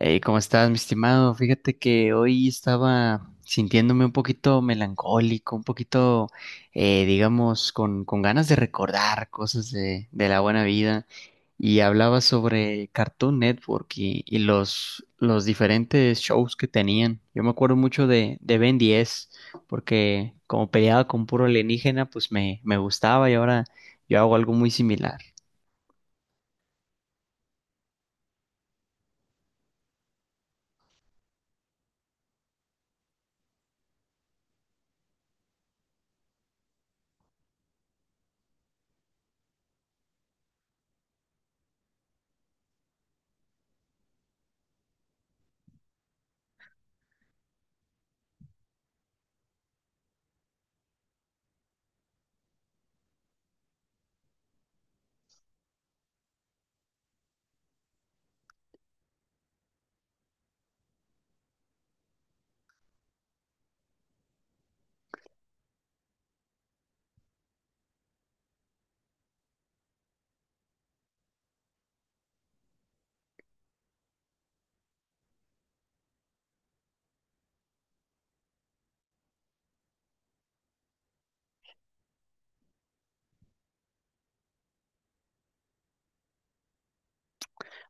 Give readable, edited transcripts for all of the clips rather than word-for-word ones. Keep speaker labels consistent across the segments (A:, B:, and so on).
A: Hey, ¿cómo estás, mi estimado? Fíjate que hoy estaba sintiéndome un poquito melancólico, un poquito, digamos, con ganas de recordar cosas de la buena vida. Y hablaba sobre Cartoon Network y los diferentes shows que tenían. Yo me acuerdo mucho de Ben 10, porque como peleaba con puro alienígena, pues me gustaba y ahora yo hago algo muy similar.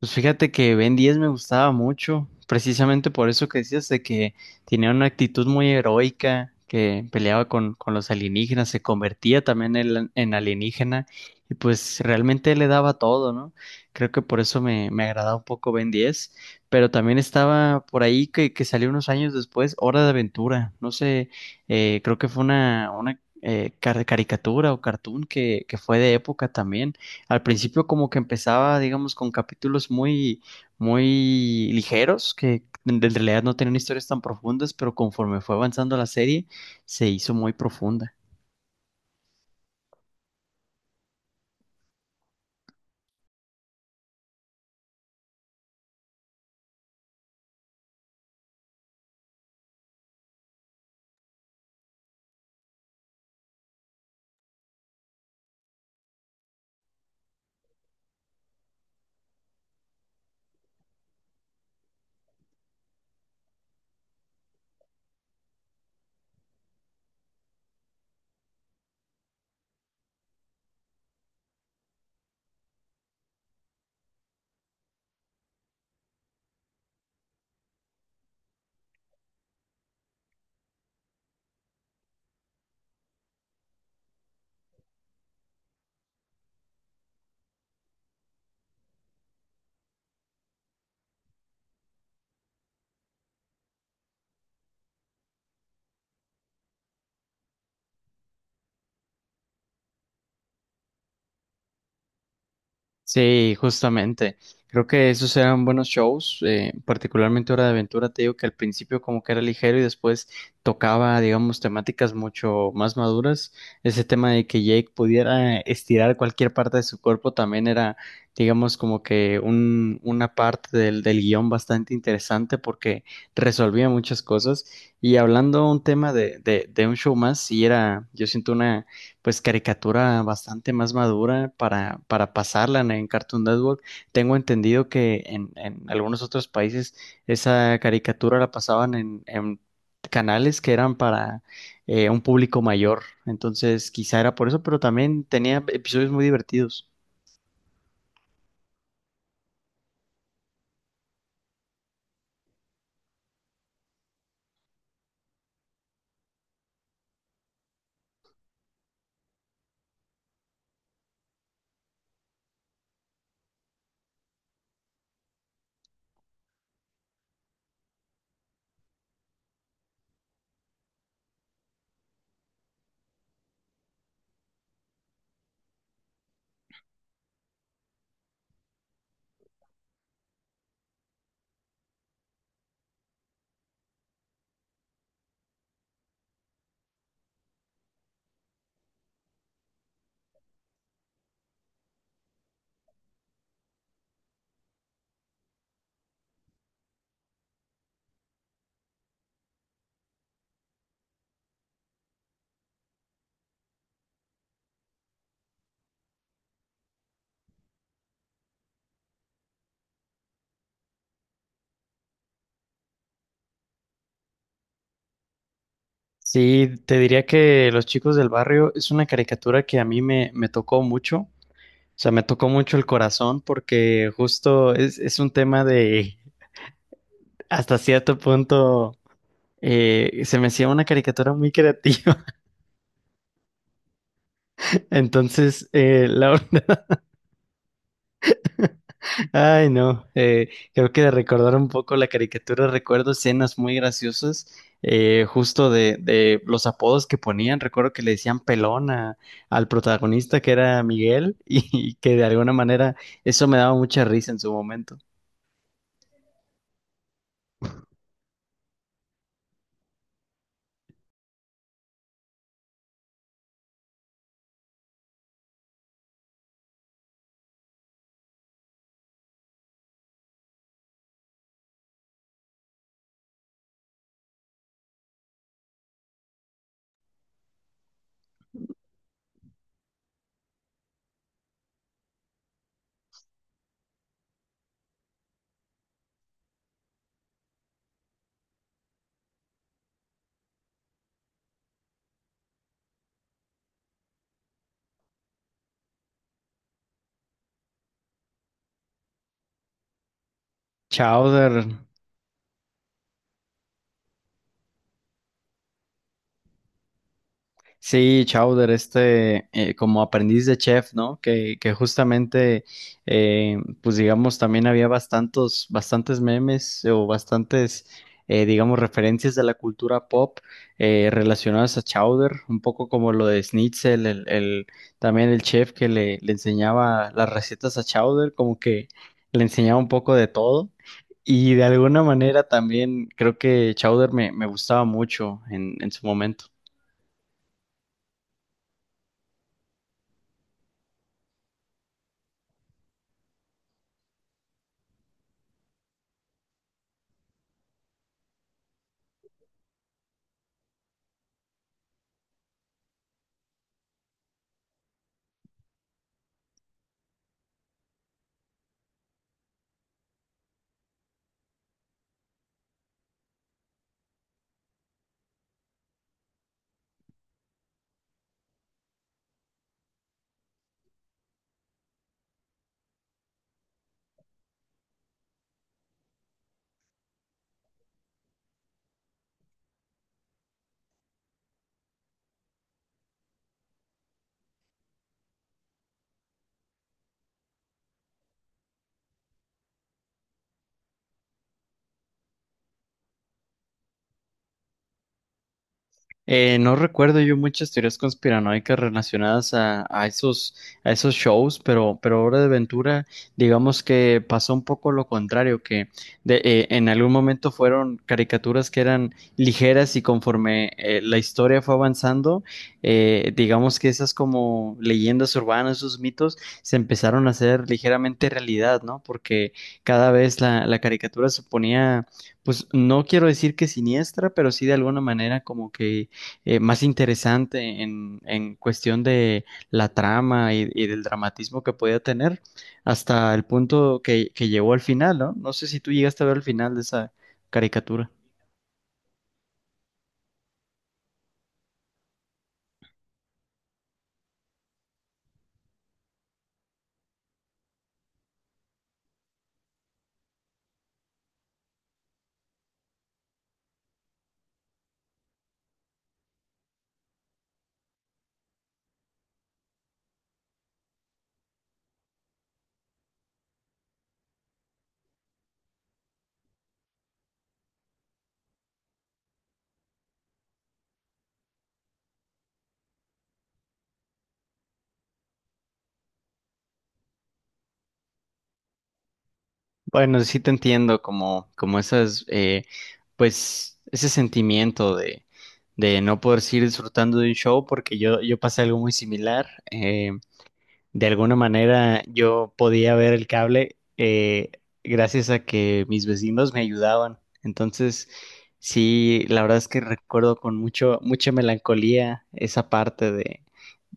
A: Pues fíjate que Ben 10 me gustaba mucho, precisamente por eso que decías de que tenía una actitud muy heroica, que peleaba con los alienígenas, se convertía también en alienígena y pues realmente le daba todo, ¿no? Creo que por eso me agradaba un poco Ben 10, pero también estaba por ahí que salió unos años después, Hora de Aventura, no sé, creo que fue una caricatura o cartoon que fue de época también. Al principio como que empezaba, digamos, con capítulos muy, muy ligeros, que en realidad no tenían historias tan profundas, pero conforme fue avanzando la serie, se hizo muy profunda. Sí, justamente. Creo que esos eran buenos shows, particularmente Hora de Aventura. Te digo que al principio como que era ligero y después tocaba, digamos, temáticas mucho más maduras. Ese tema de que Jake pudiera estirar cualquier parte de su cuerpo también era, digamos, como que una parte del guión bastante interesante porque resolvía muchas cosas. Y hablando un tema de un show más, sí era, yo siento pues caricatura bastante más madura para pasarla en Cartoon Network. Tengo entendido que en algunos otros países esa caricatura la pasaban en canales que eran para un público mayor. Entonces, quizá era por eso, pero también tenía episodios muy divertidos. Sí, te diría que Los Chicos del Barrio es una caricatura que a mí me tocó mucho. O sea, me tocó mucho el corazón porque justo es un tema de hasta cierto punto se me hacía una caricatura muy creativa. Entonces, eh, la verdad- ay no, creo que de recordar un poco la caricatura recuerdo escenas muy graciosas, justo de los apodos que ponían. Recuerdo que le decían al protagonista que era Miguel y, que de alguna manera eso me daba mucha risa en su momento. Chowder, sí, Chowder, este, como aprendiz de chef, ¿no? Que justamente, pues digamos, también había bastantes memes o bastantes, digamos, referencias de la cultura pop relacionadas a Chowder, un poco como lo de Schnitzel, también el chef que le enseñaba las recetas a Chowder, como que le enseñaba un poco de todo. Y de alguna manera también creo que Chowder me gustaba mucho en su momento. No recuerdo yo muchas teorías conspiranoicas relacionadas a esos shows, pero Hora de Aventura, digamos que pasó un poco lo contrario, en algún momento fueron caricaturas que eran ligeras y conforme la historia fue avanzando, digamos que esas como leyendas urbanas, esos mitos, se empezaron a hacer ligeramente realidad, ¿no? Porque cada vez la caricatura se ponía, pues no quiero decir que siniestra, pero sí de alguna manera como que más interesante en cuestión de la trama y del dramatismo que podía tener hasta el punto que llegó al final, ¿no? No sé si tú llegaste a ver el final de esa caricatura. Bueno, sí te entiendo como, como esas, pues, ese sentimiento de no poder seguir disfrutando de un show porque yo pasé algo muy similar. De alguna manera yo podía ver el cable gracias a que mis vecinos me ayudaban. Entonces, sí, la verdad es que recuerdo con mucho, mucha melancolía esa parte de,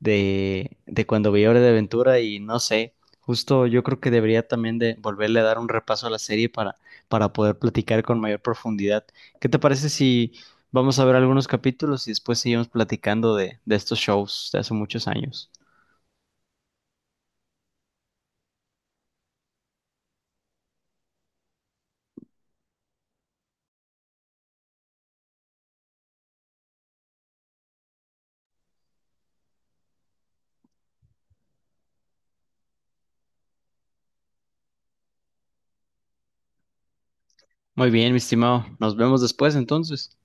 A: de, de cuando vi Hora de Aventura y no sé, justo yo creo que debería también de volverle a dar un repaso a la serie para poder platicar con mayor profundidad. ¿Qué te parece si vamos a ver algunos capítulos y después seguimos platicando de estos shows de hace muchos años? Muy bien, mi estimado. Nos vemos después entonces.